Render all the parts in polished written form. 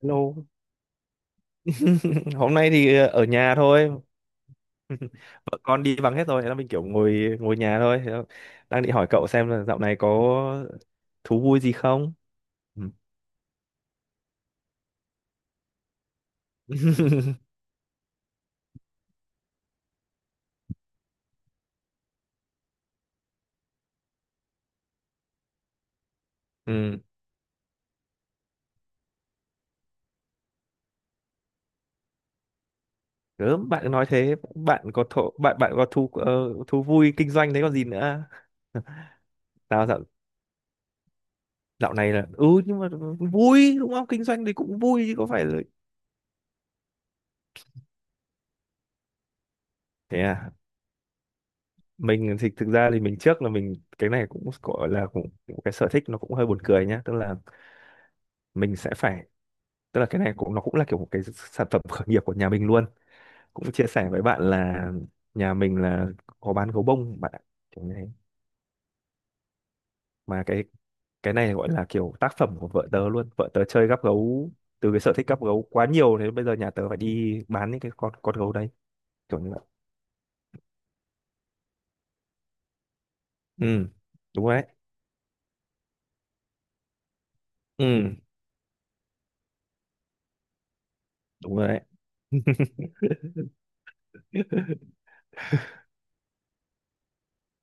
Hello. Hôm nay thì ở nhà thôi. Vợ con đi vắng hết rồi, thế là mình kiểu ngồi ngồi nhà thôi. Thế là đang định hỏi cậu xem là dạo này có thú vui gì không? Ừ. Ừ. Gớm, bạn nói thế, bạn có thổ, bạn bạn có thú thú vui kinh doanh đấy còn gì nữa. Tao dạo dạo này là ừ nhưng mà vui đúng không? Kinh doanh thì cũng vui chứ có phải là thế à? Mình thì thực ra thì mình trước là mình cái này cũng gọi là cũng cái sở thích nó cũng hơi buồn cười nhá, tức là mình sẽ phải, tức là cái này cũng nó cũng là kiểu một cái sản phẩm khởi nghiệp của nhà mình luôn, cũng chia sẻ với bạn là nhà mình là có bán gấu bông bạn ạ, kiểu như thế. Mà cái này gọi là kiểu tác phẩm của vợ tớ luôn, vợ tớ chơi gắp gấu, từ cái sở thích gắp gấu quá nhiều thế bây giờ nhà tớ phải đi bán những cái con gấu đấy kiểu như vậy. Ừ đúng rồi đấy. Ừ đúng rồi đấy.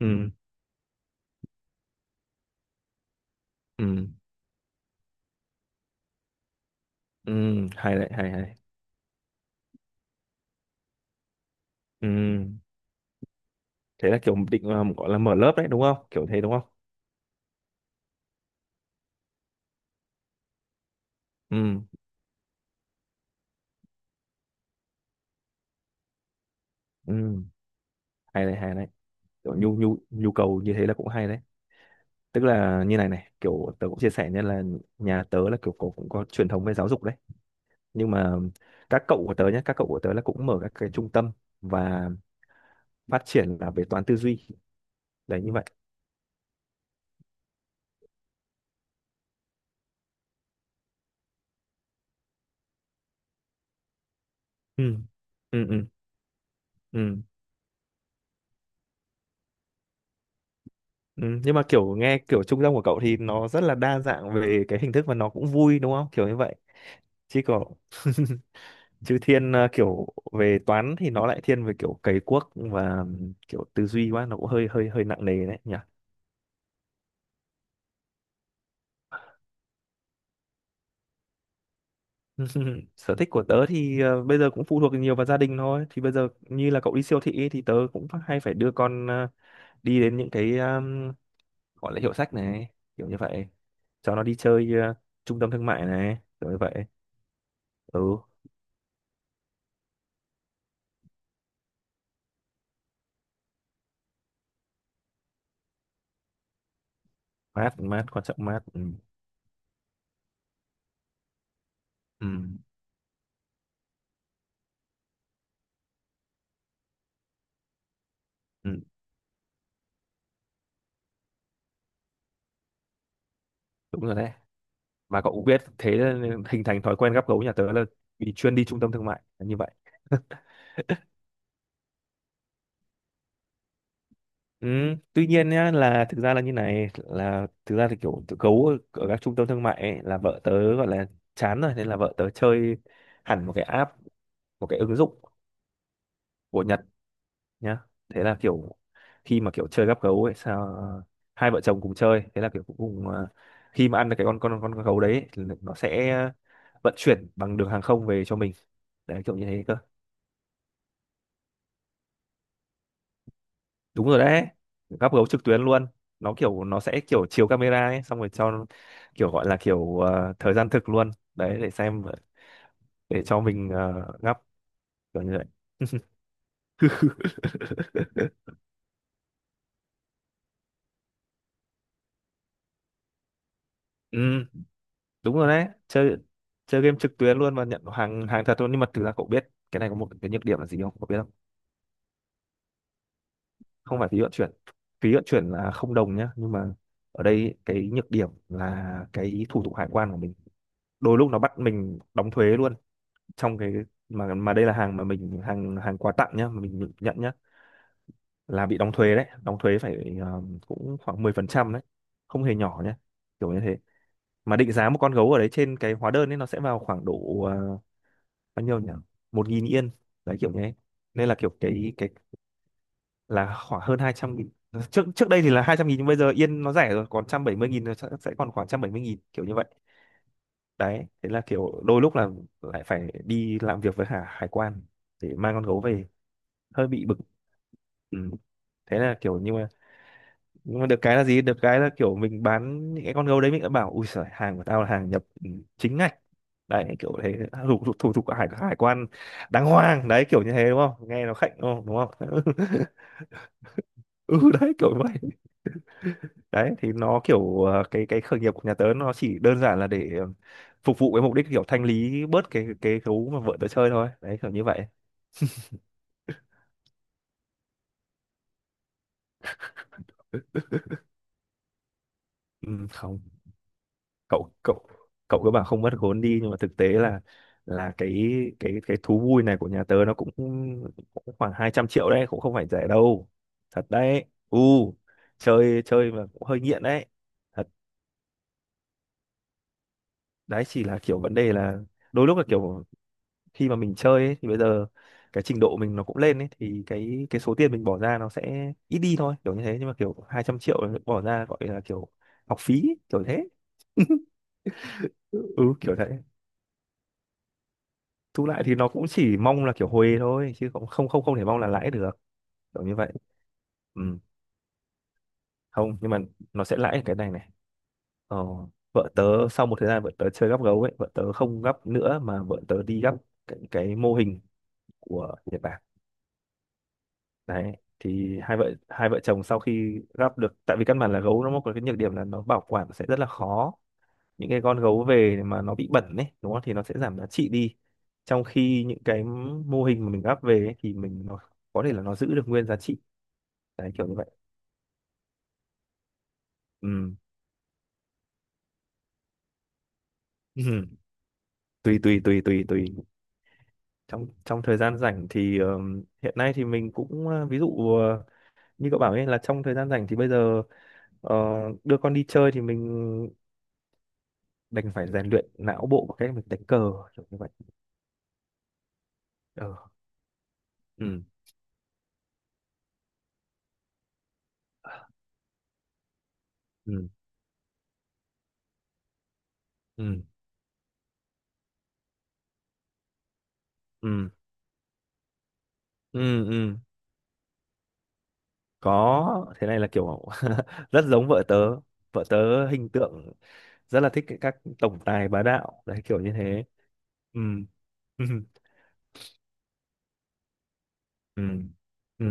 Ừ, ừ, ừ, hay đấy hay hay. Ừ, thế là kiểu định gọi là mở lớp đấy đúng không kiểu thế đúng không. Ừ, ừ, hay đấy hay đấy, kiểu nhu nhu nhu cầu như thế là cũng hay đấy. Tức là như này này kiểu tớ cũng chia sẻ, nên là nhà tớ là kiểu cũng có truyền thống về giáo dục đấy, nhưng mà các cậu của tớ nhé, các cậu của tớ là cũng mở các cái trung tâm và phát triển là về toán tư duy đấy, như vậy. Ừ, ừ, ừ, ừ. Ừ, nhưng mà kiểu nghe kiểu trung tâm của cậu thì nó rất là đa dạng về cái hình thức và nó cũng vui đúng không kiểu như vậy, chứ còn, chứ thiên kiểu về toán thì nó lại thiên về kiểu cày cuốc và kiểu tư duy quá, nó cũng hơi hơi hơi nặng nề đấy nhỉ. Sở thích của tớ thì bây giờ cũng phụ thuộc nhiều vào gia đình thôi, thì bây giờ như là cậu đi siêu thị ấy, thì tớ cũng phải- hay phải đưa con đi đến những cái gọi là hiệu sách này kiểu như vậy, cho nó đi chơi trung tâm thương mại này kiểu như vậy. Ừ, mát mát quan trọng mát ừ. Ừ. Ừ. Đúng rồi đấy, mà cậu cũng biết thế nên hình thành thói quen gắp gấu nhà tớ là vì chuyên đi trung tâm thương mại là như vậy. Ừ, tuy nhiên nhá là thực ra là như này, là thực ra thì kiểu tụi gấu ở các trung tâm thương mại ấy, là vợ tớ gọi là chán rồi nên là vợ tớ chơi hẳn một cái app, một cái ứng dụng của Nhật nhá. Thế là kiểu khi mà kiểu chơi gắp gấu ấy sao hai vợ chồng cùng chơi, thế là kiểu cuối cùng à, khi mà ăn được cái con gấu đấy ấy, thì nó sẽ vận chuyển bằng đường hàng không về cho mình, đấy kiểu như thế cơ. Đúng rồi đấy, gắp gấu trực tuyến luôn, nó kiểu nó sẽ kiểu chiếu camera ấy xong rồi cho kiểu gọi là kiểu thời gian thực luôn đấy để xem, để cho mình gắp, kiểu như vậy. Ừ, đúng rồi đấy, chơi chơi game trực tuyến luôn và nhận hàng hàng thật luôn, nhưng mà thực ra cậu biết cái này có một cái nhược điểm là gì không cậu biết không? Không phải phí vận chuyển, phí vận chuyển là không đồng nhá, nhưng mà ở đây cái nhược điểm là cái thủ tục hải quan của mình đôi lúc nó bắt mình đóng thuế luôn, trong cái, mà đây là hàng mà mình hàng hàng quà tặng nhá mà mình nhận nhá, là bị đóng thuế đấy, đóng thuế phải cũng khoảng 10% đấy, không hề nhỏ nhá, kiểu như thế. Mà định giá một con gấu ở đấy trên cái hóa đơn ấy nó sẽ vào khoảng độ bao nhiêu nhỉ, 1000 yên, đấy kiểu như thế. Nên là kiểu cái là khoảng hơn 200.000, trước trước đây thì là 200.000 nhưng bây giờ yên nó rẻ rồi còn 170.000, nó sẽ còn khoảng 170.000 kiểu như vậy. Đấy thế là kiểu đôi lúc là lại phải đi làm việc với hải hải quan để mang con gấu về, hơi bị bực. Ừ. Thế là kiểu nhưng mà, nhưng mà được cái là gì, được cái là kiểu mình bán những cái con gấu đấy mình đã bảo ui giời hàng của tao là hàng nhập ừ, chính ngạch, đấy kiểu thế, thủ hải hải quan đàng hoàng đấy kiểu như thế đúng không, nghe nó khạnh đúng không đúng không. Ừ đấy kiểu vậy. Đấy thì nó kiểu cái khởi nghiệp của nhà tớ nó chỉ đơn giản là để phục vụ cái mục đích kiểu thanh lý bớt cái gấu mà vợ tớ chơi thôi đấy kiểu như vậy. Ừ, không cậu cậu, cậu cứ bảo không mất vốn đi nhưng mà thực tế là cái, cái thú vui này của nhà tớ nó cũng khoảng 200.000.000 đấy, cũng không phải rẻ đâu, thật đấy. U, chơi chơi mà cũng hơi nghiện đấy, thật đấy. Chỉ là kiểu vấn đề là đôi lúc là kiểu khi mà mình chơi ấy, thì bây giờ cái trình độ mình nó cũng lên ấy thì cái số tiền mình bỏ ra nó sẽ ít đi thôi kiểu như thế, nhưng mà kiểu 200.000.000 bỏ ra gọi là kiểu học phí kiểu thế. Ừ kiểu thế, thu lại thì nó cũng chỉ mong là kiểu hồi thôi chứ cũng không không không thể mong là lãi được, kiểu như vậy. Ừ. Không nhưng mà nó sẽ lãi ở cái này này. Ờ, vợ tớ sau một thời gian vợ tớ chơi gắp gấu ấy vợ tớ không gắp nữa mà vợ tớ đi gắp cái mô hình của Nhật Bản đấy. Thì hai vợ chồng sau khi gắp được, tại vì căn bản là gấu nó có cái nhược điểm là nó bảo quản sẽ rất là khó, những cái con gấu về mà nó bị bẩn ấy đúng không thì nó sẽ giảm giá trị đi, trong khi những cái mô hình mà mình gắp về ấy, thì mình nó có thể là nó giữ được nguyên giá trị, đấy kiểu như vậy. Ừ. Ừ. tùy tùy tùy tùy tùy trong trong thời gian rảnh thì hiện nay thì mình cũng ví dụ như cậu bảo ấy, là trong thời gian rảnh thì bây giờ ờ, đưa con đi chơi, thì mình đành phải rèn luyện não bộ bằng cách mình đánh cờ, kiểu như vậy. Ờ, ừ, ừ, ừ, ừ, ừ, ừ, có, thế này là kiểu rất giống vợ tớ, vợ tớ hình tượng rất là thích các tổng tài bá đạo đấy kiểu như thế. Ừ. Ừ, ừ, ừ,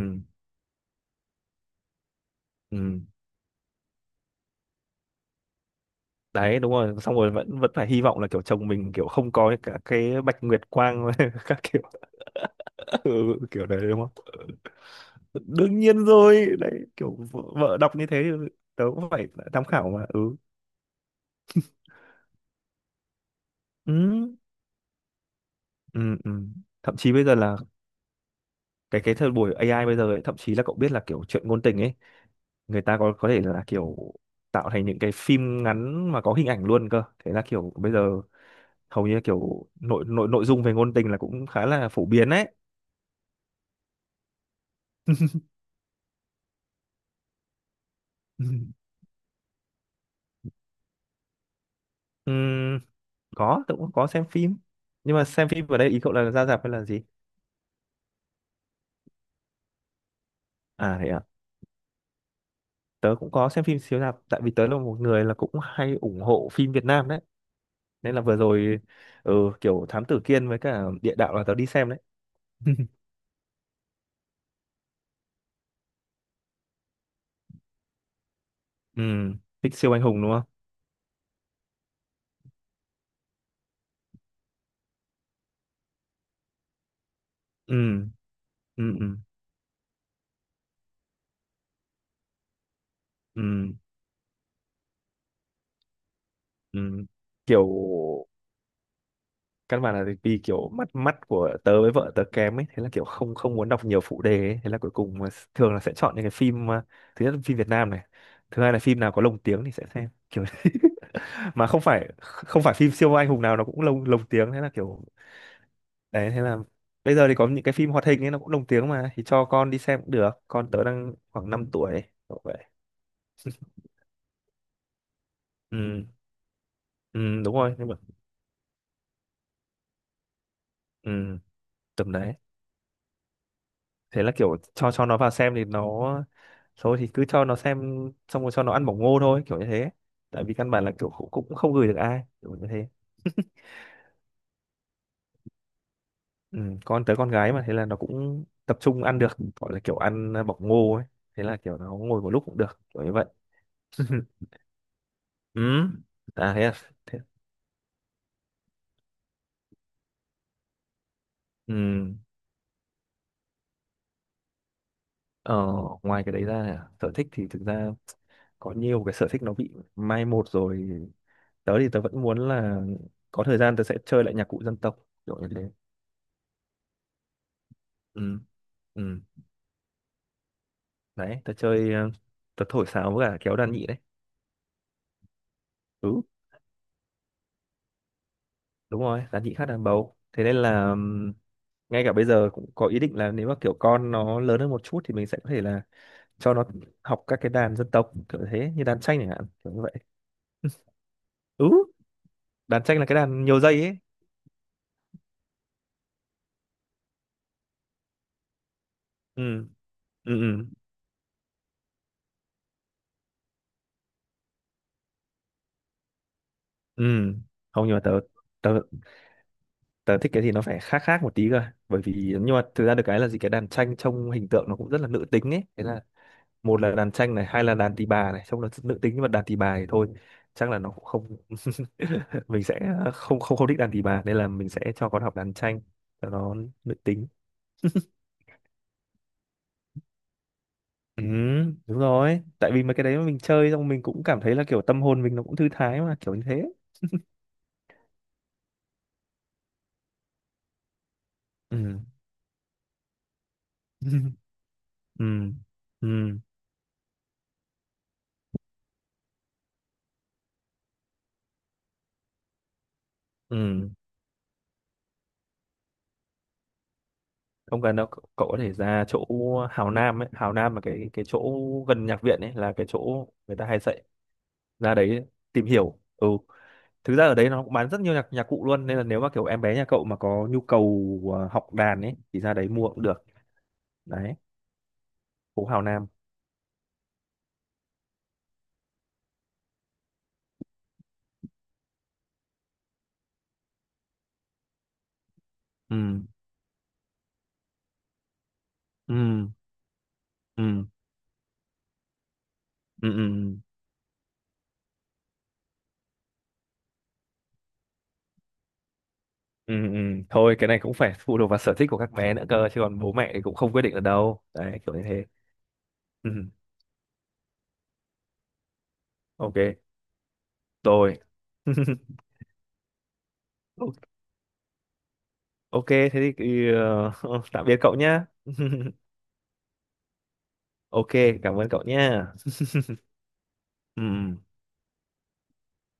ừ. Đấy đúng rồi xong rồi vẫn vẫn phải hy vọng là kiểu chồng mình kiểu không có cả cái bạch nguyệt quang các kiểu. Ừ, kiểu đấy đúng không, đương nhiên rồi đấy, kiểu vợ đọc như thế thì tớ cũng phải tham khảo mà. Ừ, ừ, ừ, ừ. Thậm chí bây giờ là cái thời buổi AI bây giờ ấy, thậm chí là cậu biết là kiểu chuyện ngôn tình ấy người ta có thể là kiểu tạo thành những cái phim ngắn mà có hình ảnh luôn cơ, thế là kiểu bây giờ hầu như là kiểu nội nội nội dung về ngôn tình là cũng khá là phổ biến đấy. Ừm, có tớ cũng có xem phim, nhưng mà xem phim ở đây ý cậu là ra rạp hay là gì. À thế à, tớ cũng có xem phim chiếu rạp tại vì tớ là một người là cũng hay ủng hộ phim Việt Nam đấy, nên là vừa rồi ừ, kiểu Thám Tử Kiên với cả Địa Đạo là tớ đi xem đấy. Thích siêu anh hùng đúng không. Ừ, ừ, ừ, ừ, kiểu căn bản là vì kiểu mắt mắt của tớ với vợ tớ kém ấy, thế là kiểu không không muốn đọc nhiều phụ đề ấy. Thế là cuối cùng là thường là sẽ chọn những cái phim thứ nhất là phim Việt Nam này, thứ hai là phim nào có lồng tiếng thì sẽ xem kiểu mà không phải phim siêu anh hùng nào nó cũng lồng lồng tiếng, thế là kiểu đấy. Thế là bây giờ thì có những cái phim hoạt hình ấy nó cũng lồng tiếng mà, thì cho con đi xem cũng được, con tớ đang khoảng 5 tuổi, kiểu vậy. Ừ, ừ đúng rồi nhưng mà ừ, tầm đấy. Thế là kiểu cho nó vào xem thì nó thôi thì cứ cho nó xem, xong rồi cho nó ăn bỏng ngô thôi, kiểu như thế. Tại vì căn bản là kiểu cũng cũng không gửi được ai, kiểu như thế. Ừ, con tới con gái mà, thế là nó cũng tập trung ăn được, gọi là kiểu ăn bỏng ngô ấy, thế là kiểu nó ngồi một lúc cũng được, kiểu như vậy. Ừ à thế, thế. Ừ. Ờ, Ngoài cái đấy ra sở thích thì thực ra có nhiều cái sở thích nó bị mai một rồi. Tớ thì tớ vẫn muốn là có thời gian tớ sẽ chơi lại nhạc cụ dân tộc, kiểu như thế. Ừ. Ừ. Đấy, tớ chơi tớ thổi sáo với cả kéo đàn nhị đấy. Ừ đúng rồi, đàn nhị khác đàn bầu, thế nên là ngay cả bây giờ cũng có ý định là nếu mà kiểu con nó lớn hơn một chút thì mình sẽ có thể là cho nó học các cái đàn dân tộc kiểu thế, như đàn tranh chẳng hạn, kiểu như vậy. Ừ, đàn tranh là cái đàn nhiều dây ấy. Ừ ừ ừ ừ không, nhưng mà tớ tớ tớ thích cái gì nó phải khác khác một tí cơ, bởi vì nhưng mà thực ra được cái là gì, cái đàn tranh trông hình tượng nó cũng rất là nữ tính ấy, thế là một là đàn tranh này, hai là đàn tỳ bà này, trong đó nữ tính nhưng mà đàn tỳ bà thì thôi, chắc là nó cũng không, mình sẽ không không không thích đàn tỳ bà, nên là mình sẽ cho con học đàn tranh cho nó nữ tính. Ừ đúng rồi, tại vì mà cái đấy mà mình chơi xong mình cũng cảm thấy là kiểu tâm hồn mình nó cũng thư thái mà, kiểu như thế. Ừ. Ừ ừ ừ. Không cần đâu cậu, cậu có thể ra chỗ Hào Nam ấy, Hào Nam là cái chỗ gần nhạc viện ấy, là cái chỗ người ta hay dạy. Ra đấy tìm hiểu. Ừ, thực ra ở đấy nó cũng bán rất nhiều nhạc nhạc cụ luôn, nên là nếu mà kiểu em bé nhà cậu mà có nhu cầu học đàn ấy thì ra đấy mua cũng được. Đấy, phố Hào Nam. Ừ ừ ừ ừ ừ ừ ừ. Thôi cái này cũng phải phụ thuộc vào sở thích của các bé nữa cơ, chứ còn bố mẹ thì cũng không quyết định được đâu đấy, kiểu như thế. Ừ. Ok. Rồi. O- ok thế thì tạm biệt cậu nhá. Ok, cảm ơn cậu nhá. Ừ ừ.